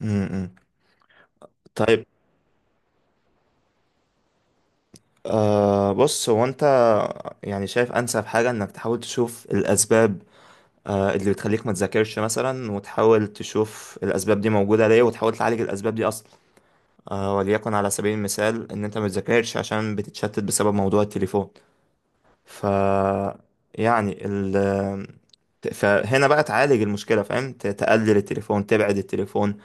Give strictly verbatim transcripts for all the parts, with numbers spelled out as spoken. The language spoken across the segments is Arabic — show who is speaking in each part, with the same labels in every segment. Speaker 1: امم طيب. آه بص، هو انت يعني شايف انسب حاجة انك تحاول تشوف الاسباب، آه اللي بتخليك ما تذاكرش مثلا، وتحاول تشوف الاسباب دي موجودة ليه، وتحاول تعالج الاسباب دي اصلا. آه وليكن على سبيل المثال ان انت ما بتذاكرش عشان بتتشتت بسبب موضوع التليفون. ف يعني ال فهنا بقى تعالج المشكلة. فاهم، ت- تقلل التليفون، تبعد التليفون.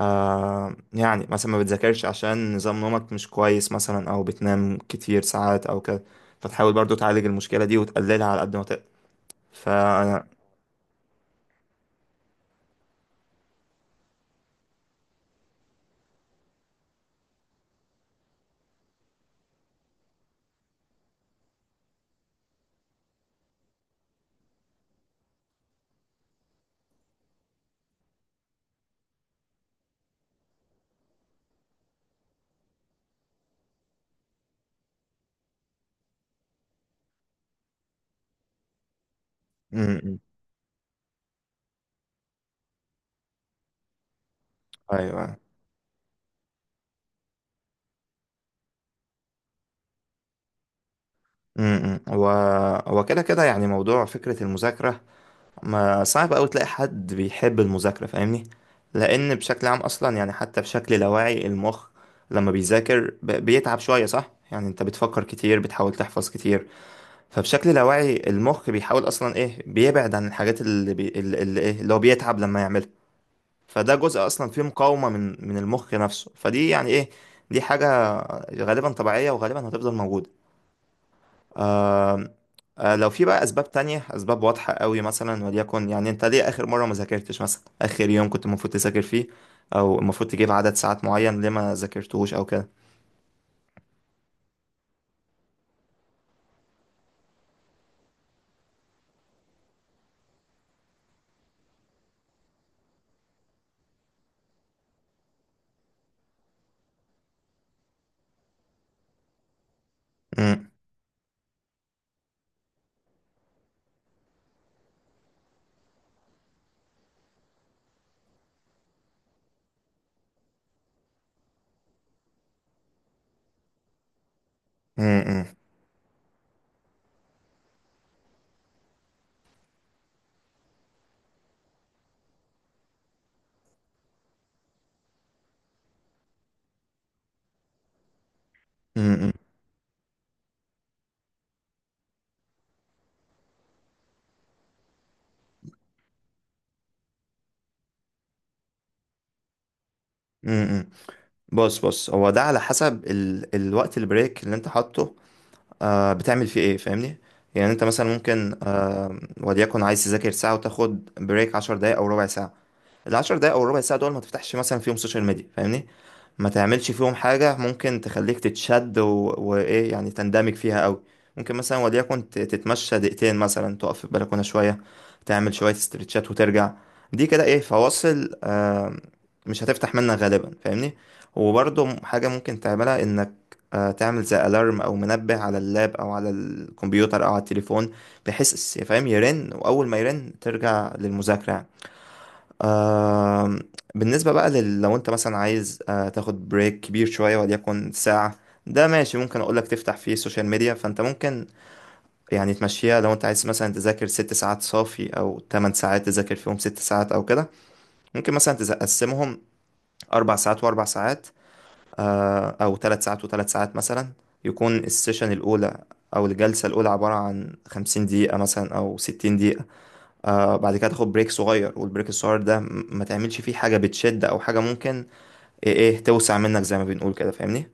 Speaker 1: آه يعني مثلا ما بتذاكرش عشان نظام نومك مش كويس مثلا، او بتنام كتير ساعات او كده. فتحاول برضو تعالج المشكلة دي وتقللها على قد ما تقدر. فانا. م- م. ايوه. م- م. هو، هو كده كده يعني. موضوع فكرة المذاكرة ما صعب أوي تلاقي حد بيحب المذاكرة، فاهمني؟ لأن بشكل عام أصلا، يعني حتى بشكل لاواعي، المخ لما بيذاكر ب- بيتعب شوية، صح؟ يعني أنت بتفكر كتير، بتحاول تحفظ كتير. فبشكل لاواعي المخ بيحاول اصلا ايه، بيبعد عن الحاجات اللي بي... اللي اللي ايه، اللي هو بيتعب لما يعملها. فده جزء اصلا فيه مقاومة من من المخ نفسه، فدي يعني ايه، دي حاجة غالبا طبيعية وغالبا هتفضل موجودة. آم، آه، لو في بقى اسباب تانية، اسباب واضحة قوي مثلا، وليكن يعني انت ليه اخر مرة ما ذاكرتش مثلا؟ اخر يوم كنت المفروض تذاكر فيه او المفروض تجيب عدد ساعات معين، ليه ما ذاكرتوش او كده؟ مم، مم، مم، مم، مم، مم. بص بص، هو ده على حسب ال... الوقت البريك اللي انت حاطه، آه بتعمل فيه ايه، فاهمني؟ يعني انت مثلا ممكن آه وليكن عايز تذاكر ساعة وتاخد بريك عشر دقايق او ربع ساعة. العشر دقايق او ربع ساعة دول ما تفتحش مثلا فيهم سوشيال ميديا، فاهمني. ما تعملش فيهم حاجة ممكن تخليك تتشد و... وإيه يعني، تندمج فيها أوي. ممكن مثلا وليكن ت- تتمشى دقيقتين مثلا، تقف في البلكونة شوية، تعمل شوية استرتشات وترجع. دي كده إيه، فواصل آه، مش هتفتح منك غالبا، فاهمني. وبرضه م- حاجة ممكن تعملها، إنك آه تعمل زي ألارم أو منبه على اللاب أو على الكمبيوتر أو على التليفون، بحيث س- فاهم يرن، وأول ما يرن ترجع للمذاكرة. آم، بالنسبة بقى لل... لو انت مثلا عايز آه، تاخد بريك كبير شوية وليكن ساعة، ده ماشي. ممكن اقولك تفتح فيه السوشيال ميديا. فانت ممكن يعني تمشيها. لو انت عايز مثلا تذاكر ست ساعات صافي او تمن ساعات تذاكر فيهم ست ساعات او كده، ممكن مثلا تقسمهم اربع ساعات واربع ساعات، آه، او ثلاث ساعات وثلاث ساعات مثلا. يكون السيشن الاولى او الجلسة الاولى عبارة عن خمسين دقيقة مثلا او ستين دقيقة. آه بعد كده تاخد بريك صغير. والبريك الصغير ده م- ما تعملش فيه حاجة بتشد أو حاجة ممكن إيه, إيه توسع منك، زي ما بنقول كده، فاهمني.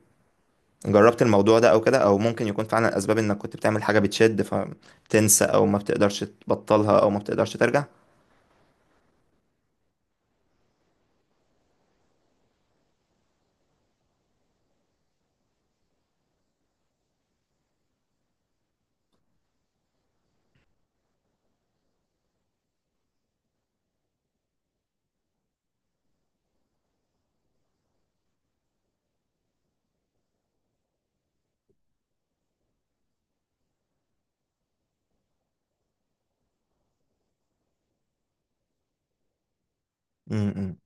Speaker 1: جربت الموضوع ده أو كده؟ أو ممكن يكون فعلا الأسباب إنك كنت بتعمل حاجة بتشد فتنسى، أو ما بتقدرش تبطلها، أو ما بتقدرش ترجع. امم.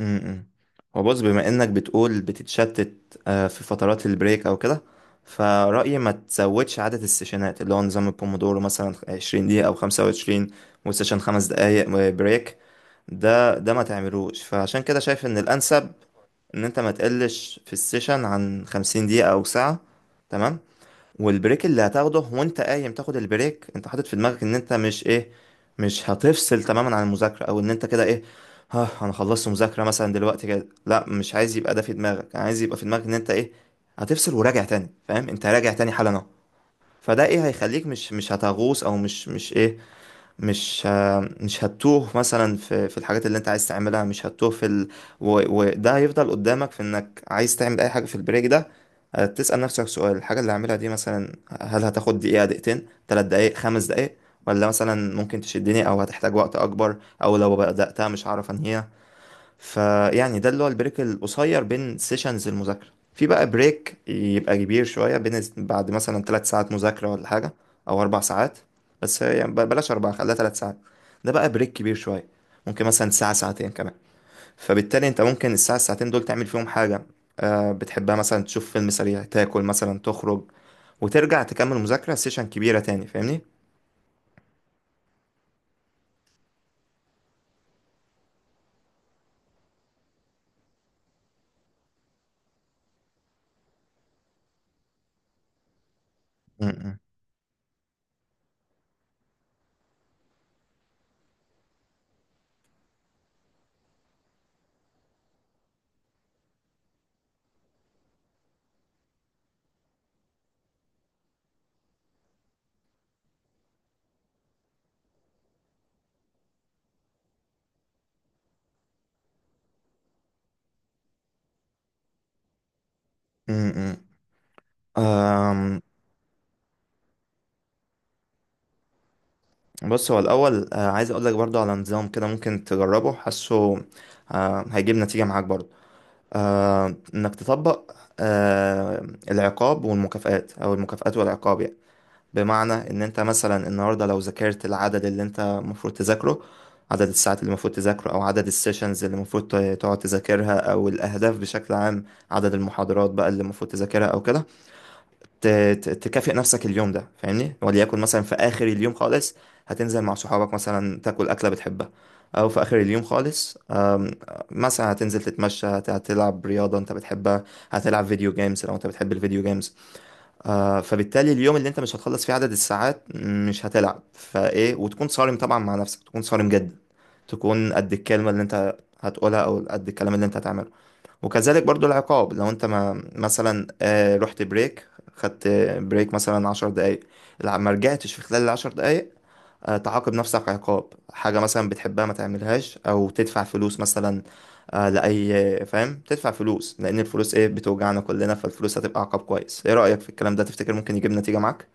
Speaker 1: امم. هو بص، بما انك بتقول بتتشتت آه، في فترات البريك او كده، فرأيي ما تزودش عدد السيشنات. اللي هو نظام البومودورو مثلا عشرين دقيقة او خمسة وعشرون وسيشن خمس دقايق بريك، ده ده ما تعملوش. فعشان كده شايف ان الانسب ان انت ما تقلش في السيشن عن خمسين دقيقة او ساعة، تمام. والبريك اللي هتاخده وانت قايم تاخد البريك، انت حاطط في دماغك ان انت مش ايه، مش هتفصل تماما عن المذاكرة، او ان انت كده ايه، ها انا خلصت مذاكرة مثلا دلوقتي كده. لا، مش عايز يبقى ده في دماغك، انا عايز يبقى في دماغك ان انت ايه، هتفصل وراجع تاني، فاهم، انت راجع تاني حالا اهو. فده ايه، هيخليك مش مش هتغوص، او مش مش ايه، مش ه- مش هتتوه مثلا في في الحاجات اللي انت عايز تعملها، مش هتتوه في ال... و... وده هيفضل قدامك، في انك عايز تعمل اي حاجة في البريك ده، آه، تسأل نفسك سؤال: الحاجة اللي هعملها دي مثلا هل هتاخد دقيقة، دقيقتين، تلات دقايق، خمس دقايق؟ ولا مثلا ممكن تشدني او هتحتاج وقت اكبر، او لو بدأتها مش هعرف انهيها؟ فيعني ده اللي هو البريك القصير بين سيشنز المذاكرة. في بقى بريك يبقى كبير شوية بين، بعد مثلا ثلاث ساعات مذاكرة ولا حاجة، أو أربع ساعات. بس يعني ب- بلاش أربعة، خليها ثلاث ساعات. ده بقى بريك كبير شوية، ممكن مثلا ساعة، ساعتين كمان. فبالتالي أنت ممكن الساعة الساعتين دول تعمل فيهم حاجة آه، بتحبها مثلا، تشوف فيلم سريع، تاكل مثلا، تخرج، وترجع تكمل مذاكرة سيشن كبيرة تاني، فاهمني؟ م- م- م- م. أم، بص، هو الأول آه، عايز أقولك برضو على نظام كده ممكن تجربه، حاسه آه، هيجيب نتيجة معاك برضو، آه، إنك تطبق آه، العقاب والمكافآت أو المكافآت والعقاب يعني. بمعنى إن أنت مثلا النهاردة لو ذاكرت العدد اللي أنت المفروض تذاكره، عدد الساعات اللي المفروض تذاكره أو عدد السيشنز اللي المفروض ت- تقعد تذاكرها، أو الأهداف بشكل عام، عدد المحاضرات بقى اللي المفروض تذاكرها أو كده، ت- ت- تكافئ نفسك اليوم ده، فاهمني. وليكن مثلا في اخر اليوم خالص هتنزل مع صحابك مثلا، تاكل اكله بتحبها، او في اخر اليوم خالص أم، مثلا هتنزل تتمشى، هت- هتلعب رياضه انت بتحبها، هتلعب فيديو جيمز لو انت بتحب الفيديو جيمز. آه، فبالتالي اليوم اللي انت مش هتخلص فيه عدد الساعات مش هتلعب. فايه، وتكون صارم طبعا مع نفسك، تكون صارم جدا، تكون قد الكلمه اللي انت هتقولها او قد الكلام اللي انت هتعمله. وكذلك برضو العقاب، لو انت ما مثلا آه، رحت بريك، خدت بريك مثلا عشر دقايق، لا، ما رجعتش في خلال العشر دقايق، آه، تعاقب نفسك عقاب، حاجة مثلا بتحبها ما تعملهاش، أو تدفع فلوس مثلا. آه، لأي، فاهم، تدفع فلوس لأن الفلوس إيه، بتوجعنا كلنا، فالفلوس هتبقى عقاب كويس. إيه رأيك في الكلام ده؟ تفتكر ممكن يجيب نتيجة معاك؟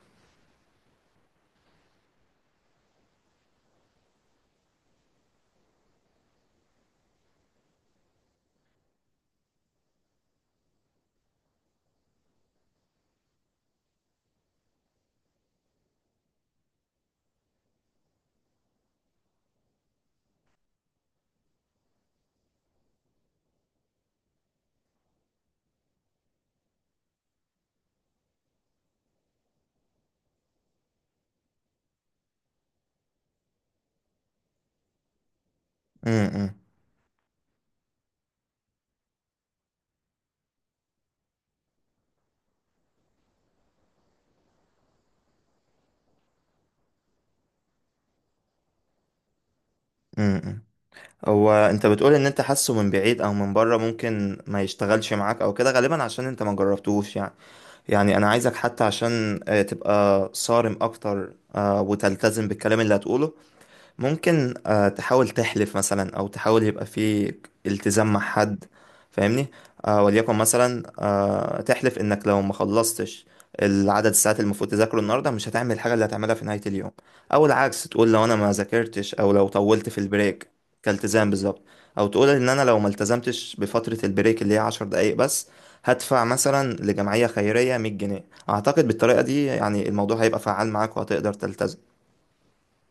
Speaker 1: امم. امم. هو انت بتقول ان انت حاسه من بعيد او من بره ممكن ما يشتغلش معاك او كده، غالبا عشان انت ما جربتوش يعني. يعني انا عايزك حتى عشان آه، تبقى صارم اكتر، آه، وتلتزم بالكلام اللي هتقوله. ممكن آه، تحاول تحلف مثلا، او تحاول يبقى في التزام مع حد، فاهمني. آه، وليكن مثلا آه، تحلف انك لو ما خلصتش العدد الساعات المفروض تذاكره النهارده، مش هتعمل الحاجه اللي هتعملها في نهايه اليوم. او العكس، تقول لو انا ما ذاكرتش او لو طولت في البريك، كالتزام بالظبط. او تقول ان انا لو ما التزمتش بفتره البريك اللي هي عشر دقايق بس، هدفع مثلا لجمعيه خيريه مائة جنيه. اعتقد بالطريقه دي يعني الموضوع هيبقى فعال معاك، وهتقدر تلتزم.